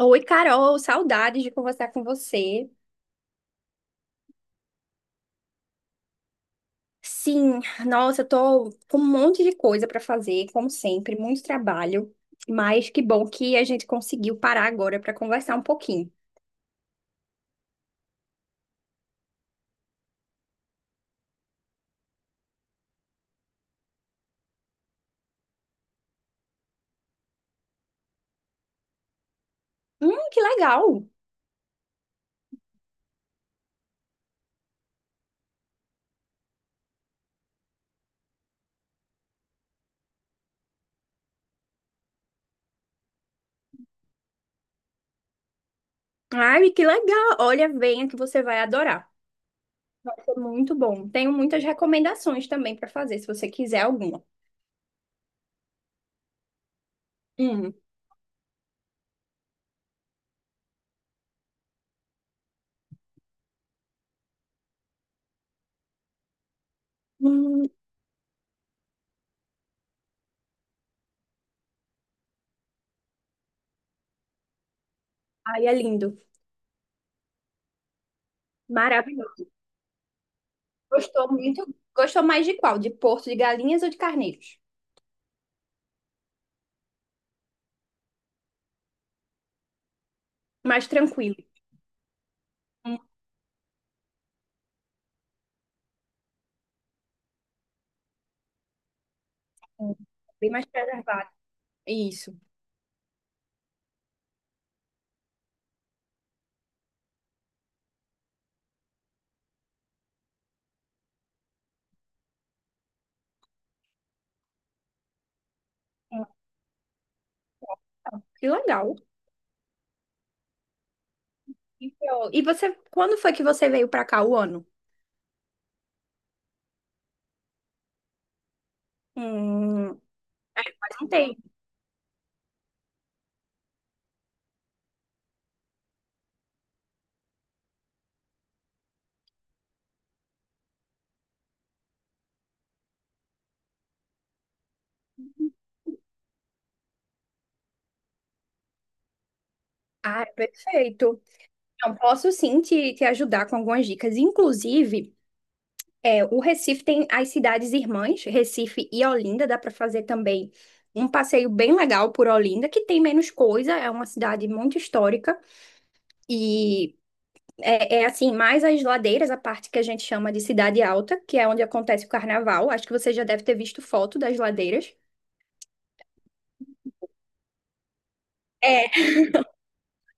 Oi, Carol, saudades de conversar com você. Sim, nossa, eu tô com um monte de coisa pra fazer, como sempre, muito trabalho, mas que bom que a gente conseguiu parar agora pra conversar um pouquinho. Que legal! Ai, que legal! Olha, venha que você vai adorar. Foi muito bom. Tenho muitas recomendações também pra fazer, se você quiser alguma. Hum. Hum, ai, é lindo. Maravilhoso. Gostou muito? Gostou mais de qual? De Porto de Galinhas ou de Carneiros? Mais tranquilo. Sim. Bem mais preservado. Isso. É. Que legal. E você, quando foi que você veio pra cá o ano? Hum, faz um tempo. Ah, é perfeito. Então, posso sim te ajudar com algumas dicas. Inclusive, o Recife tem as cidades irmãs, Recife e Olinda. Dá para fazer também um passeio bem legal por Olinda, que tem menos coisa, é uma cidade muito histórica. E é assim, mais as ladeiras, a parte que a gente chama de Cidade Alta, que é onde acontece o carnaval. Acho que você já deve ter visto foto das ladeiras. É,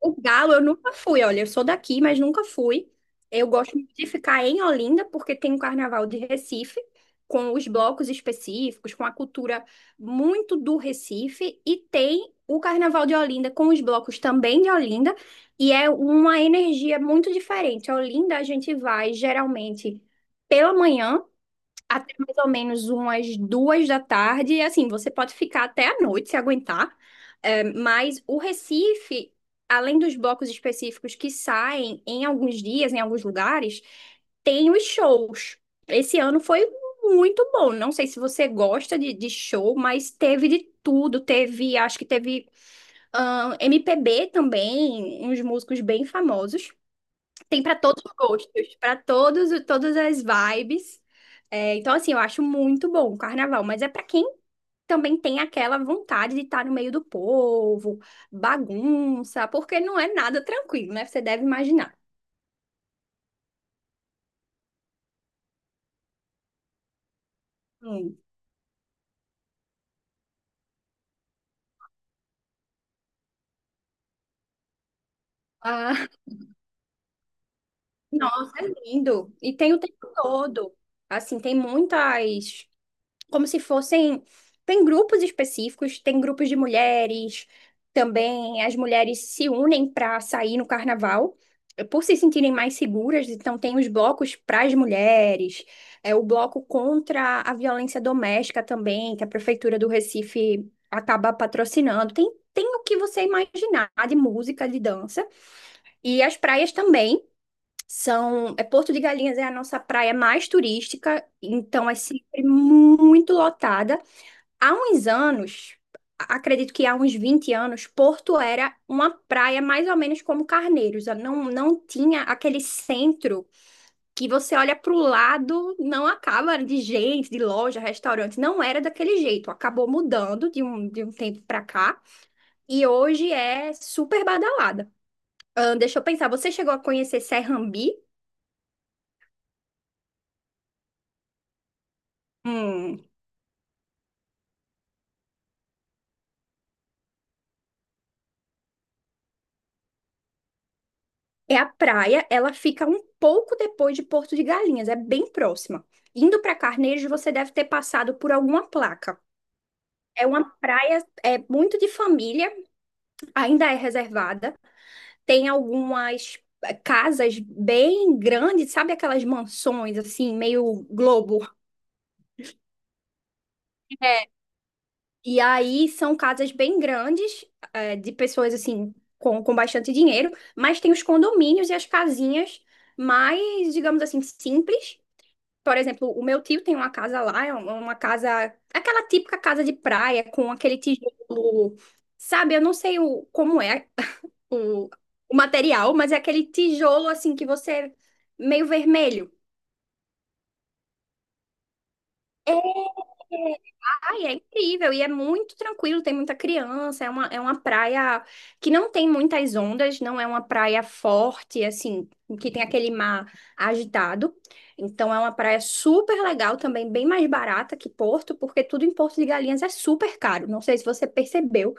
o Galo eu nunca fui, olha, eu sou daqui, mas nunca fui. Eu gosto muito de ficar em Olinda, porque tem um carnaval de Recife, com os blocos específicos, com a cultura muito do Recife, e tem o carnaval de Olinda com os blocos também de Olinda, e é uma energia muito diferente. A Olinda a gente vai geralmente pela manhã até mais ou menos umas 2 da tarde. E assim, você pode ficar até a noite se aguentar. É, mas o Recife, além dos blocos específicos que saem em alguns dias, em alguns lugares, tem os shows. Esse ano foi muito bom. Não sei se você gosta de show, mas teve de tudo. Teve, acho que teve, MPB também, uns músicos bem famosos. Tem para todos os gostos, para todos, todas as vibes. É, então, assim, eu acho muito bom o carnaval, mas é para quem também tem aquela vontade de estar no meio do povo, bagunça, porque não é nada tranquilo, né? Você deve imaginar. Hum. Ah, nossa, é lindo. E tem o tempo todo. Assim, tem muitas como se fossem. Tem grupos específicos, tem grupos de mulheres, também as mulheres se unem para sair no carnaval, por se sentirem mais seguras, então tem os blocos para as mulheres, é o bloco contra a violência doméstica também, que a Prefeitura do Recife acaba patrocinando. Tem o que você imaginar de música, de dança, e as praias também. É Porto de Galinhas é a nossa praia mais turística, então é sempre muito lotada. Há uns anos, acredito que há uns 20 anos, Porto era uma praia mais ou menos como Carneiros. Ela Não, não tinha aquele centro que você olha para o lado, não acaba de gente, de loja, restaurante. Não era daquele jeito. Acabou mudando de um tempo para cá. E hoje é super badalada. Deixa eu pensar, você chegou a conhecer Serrambi? Um É a praia, ela fica um pouco depois de Porto de Galinhas, é bem próxima. Indo para Carneiro, você deve ter passado por alguma placa. É uma praia, é muito de família, ainda é reservada. Tem algumas casas bem grandes, sabe aquelas mansões assim, meio globo. E aí são casas bem grandes, de pessoas assim com bastante dinheiro, mas tem os condomínios e as casinhas mais, digamos assim, simples. Por exemplo, o meu tio tem uma casa lá, é uma casa, aquela típica casa de praia, com aquele tijolo, sabe? Eu não sei como é o, o material, mas é aquele tijolo assim que você, meio vermelho. É, ai, é incrível e é muito tranquilo, tem muita criança, é uma praia que não tem muitas ondas, não é uma praia forte, assim, que tem aquele mar agitado. Então é uma praia super legal também, bem mais barata que Porto, porque tudo em Porto de Galinhas é super caro. Não sei se você percebeu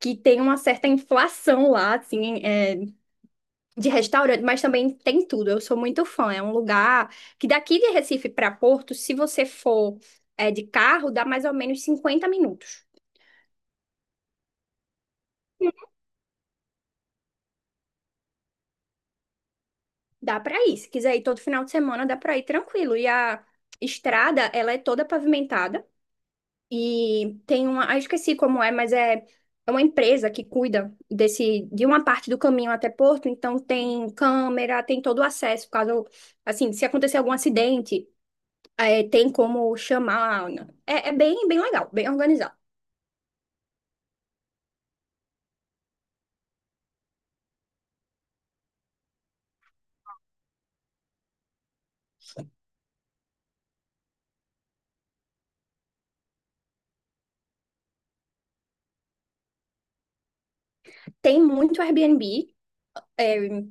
que tem uma certa inflação lá, assim, de restaurante, mas também tem tudo. Eu sou muito fã. É um lugar que daqui de Recife para Porto, se você for de carro, dá mais ou menos 50 minutos. Dá para ir. Se quiser ir todo final de semana, dá para ir tranquilo. E a estrada, ela é toda pavimentada. E tem uma. Ah, eu esqueci como é, mas é. É uma empresa que cuida desse, de uma parte do caminho até Porto, então tem câmera, tem todo o acesso, caso, assim, se acontecer algum acidente, é, tem como chamar, né? É, é bem, legal, bem organizado. Tem muito Airbnb,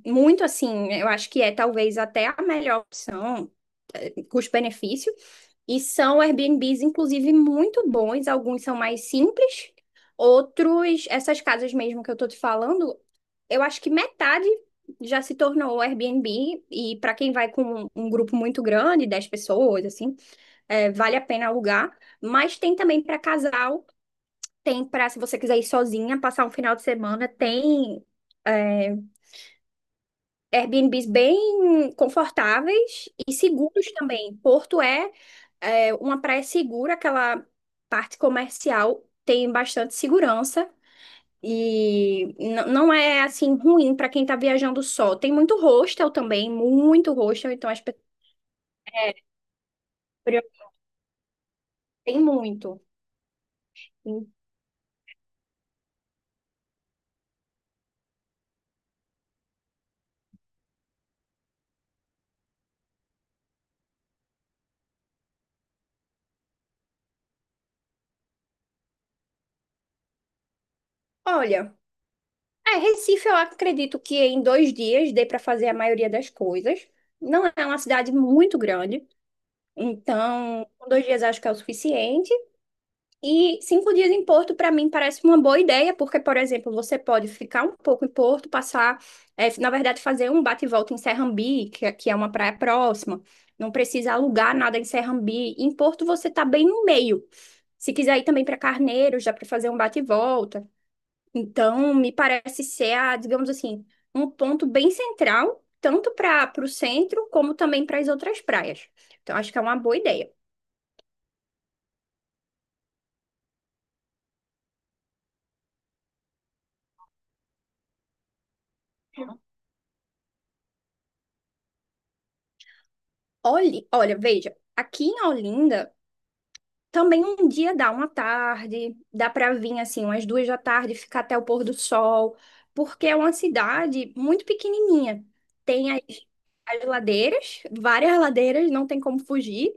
muito assim, eu acho que é talvez até a melhor opção, custo-benefício. E são Airbnbs, inclusive, muito bons. Alguns são mais simples, outros, essas casas mesmo que eu tô te falando, eu acho que metade já se tornou Airbnb. E para quem vai com um grupo muito grande, 10 pessoas, assim, vale a pena alugar. Mas tem também para casal. Tem para se você quiser ir sozinha, passar um final de semana, tem é, Airbnbs bem confortáveis e seguros também. Porto é uma praia segura, aquela parte comercial tem bastante segurança e não é assim ruim para quem tá viajando só. Tem muito hostel também, muito hostel, então as pessoas é, tem muito. Olha. É, Recife, eu acredito que em 2 dias dê para fazer a maioria das coisas. Não é uma cidade muito grande, então com 2 dias acho que é o suficiente. E 5 dias em Porto, para mim, parece uma boa ideia, porque, por exemplo, você pode ficar um pouco em Porto, passar, na verdade, fazer um bate e volta em Serrambi, que é uma praia próxima. Não precisa alugar nada em Serrambi. Em Porto, você tá bem no meio. Se quiser ir também para Carneiros, dá para fazer um bate e volta. Então, me parece ser, digamos assim, um ponto bem central, tanto para o centro como também para as outras praias. Então, acho que é uma boa ideia. Olhe, olha, veja, aqui em Olinda também um dia dá uma tarde, dá para vir assim, umas 2 da tarde, ficar até o pôr do sol, porque é uma cidade muito pequenininha. Tem as ladeiras, várias ladeiras, não tem como fugir,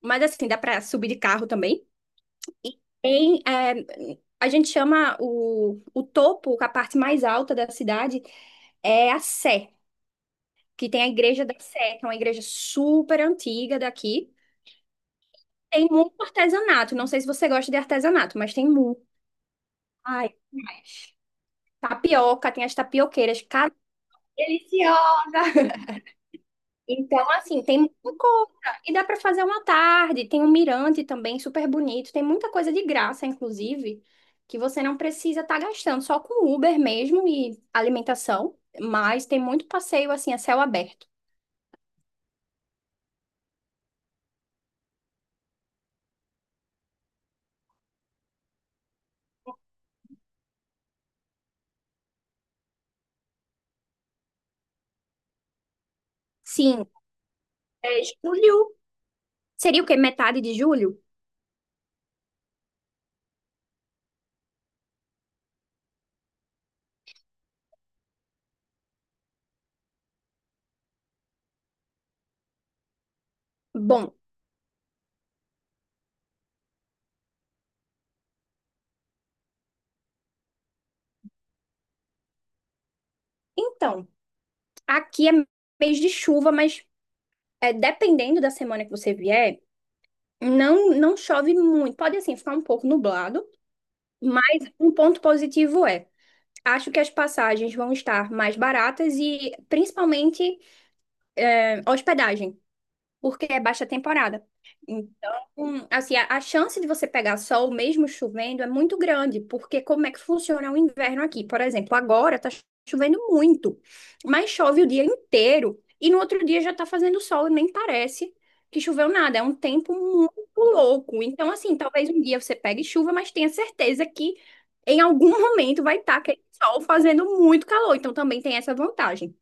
mas assim, dá para subir de carro também. E tem, a gente chama o topo, a parte mais alta da cidade, é a Sé, que tem a Igreja da Sé, que é uma igreja super antiga daqui. Tem muito artesanato, não sei se você gosta de artesanato, mas tem muito. Ai, mas tapioca, tem as tapioqueiras, cara, deliciosa! Então, assim, tem muita coisa. E dá para fazer uma tarde. Tem um mirante também, super bonito. Tem muita coisa de graça, inclusive, que você não precisa estar gastando só com Uber mesmo e alimentação. Mas tem muito passeio, assim, a céu aberto. Sim, é julho. Seria o quê? Metade de julho? Bom, então, aqui é mês de chuva, mas dependendo da semana que você vier, não, não chove muito. Pode, assim, ficar um pouco nublado. Mas um ponto positivo é. Acho que as passagens vão estar mais baratas e principalmente hospedagem porque é baixa temporada. Então, assim, a chance de você pegar sol mesmo chovendo é muito grande, porque como é que funciona o inverno aqui? Por exemplo, agora tá chovendo muito, mas chove o dia inteiro e no outro dia já tá fazendo sol e nem parece que choveu nada. É um tempo muito louco. Então, assim, talvez um dia você pegue chuva, mas tenha certeza que em algum momento vai estar aquele sol fazendo muito calor. Então, também tem essa vantagem.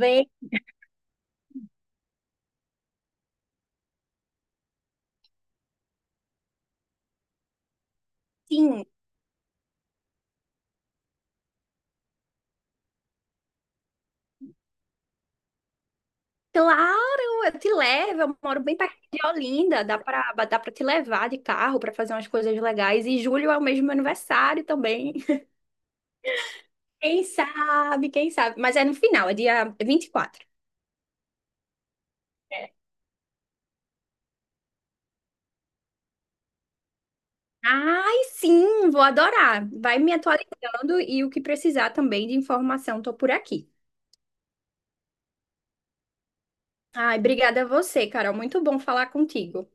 Vê, sim, claro, eu te levo. Eu moro bem perto de Olinda. Dá pra te levar de carro pra fazer umas coisas legais. E julho é o mesmo meu aniversário também. Quem sabe, quem sabe. Mas é no final, é dia 24. Ai, sim, vou adorar. Vai me atualizando e o que precisar também de informação, tô por aqui. Ai, obrigada a você, Carol. Muito bom falar contigo.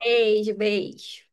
Beijo, beijo.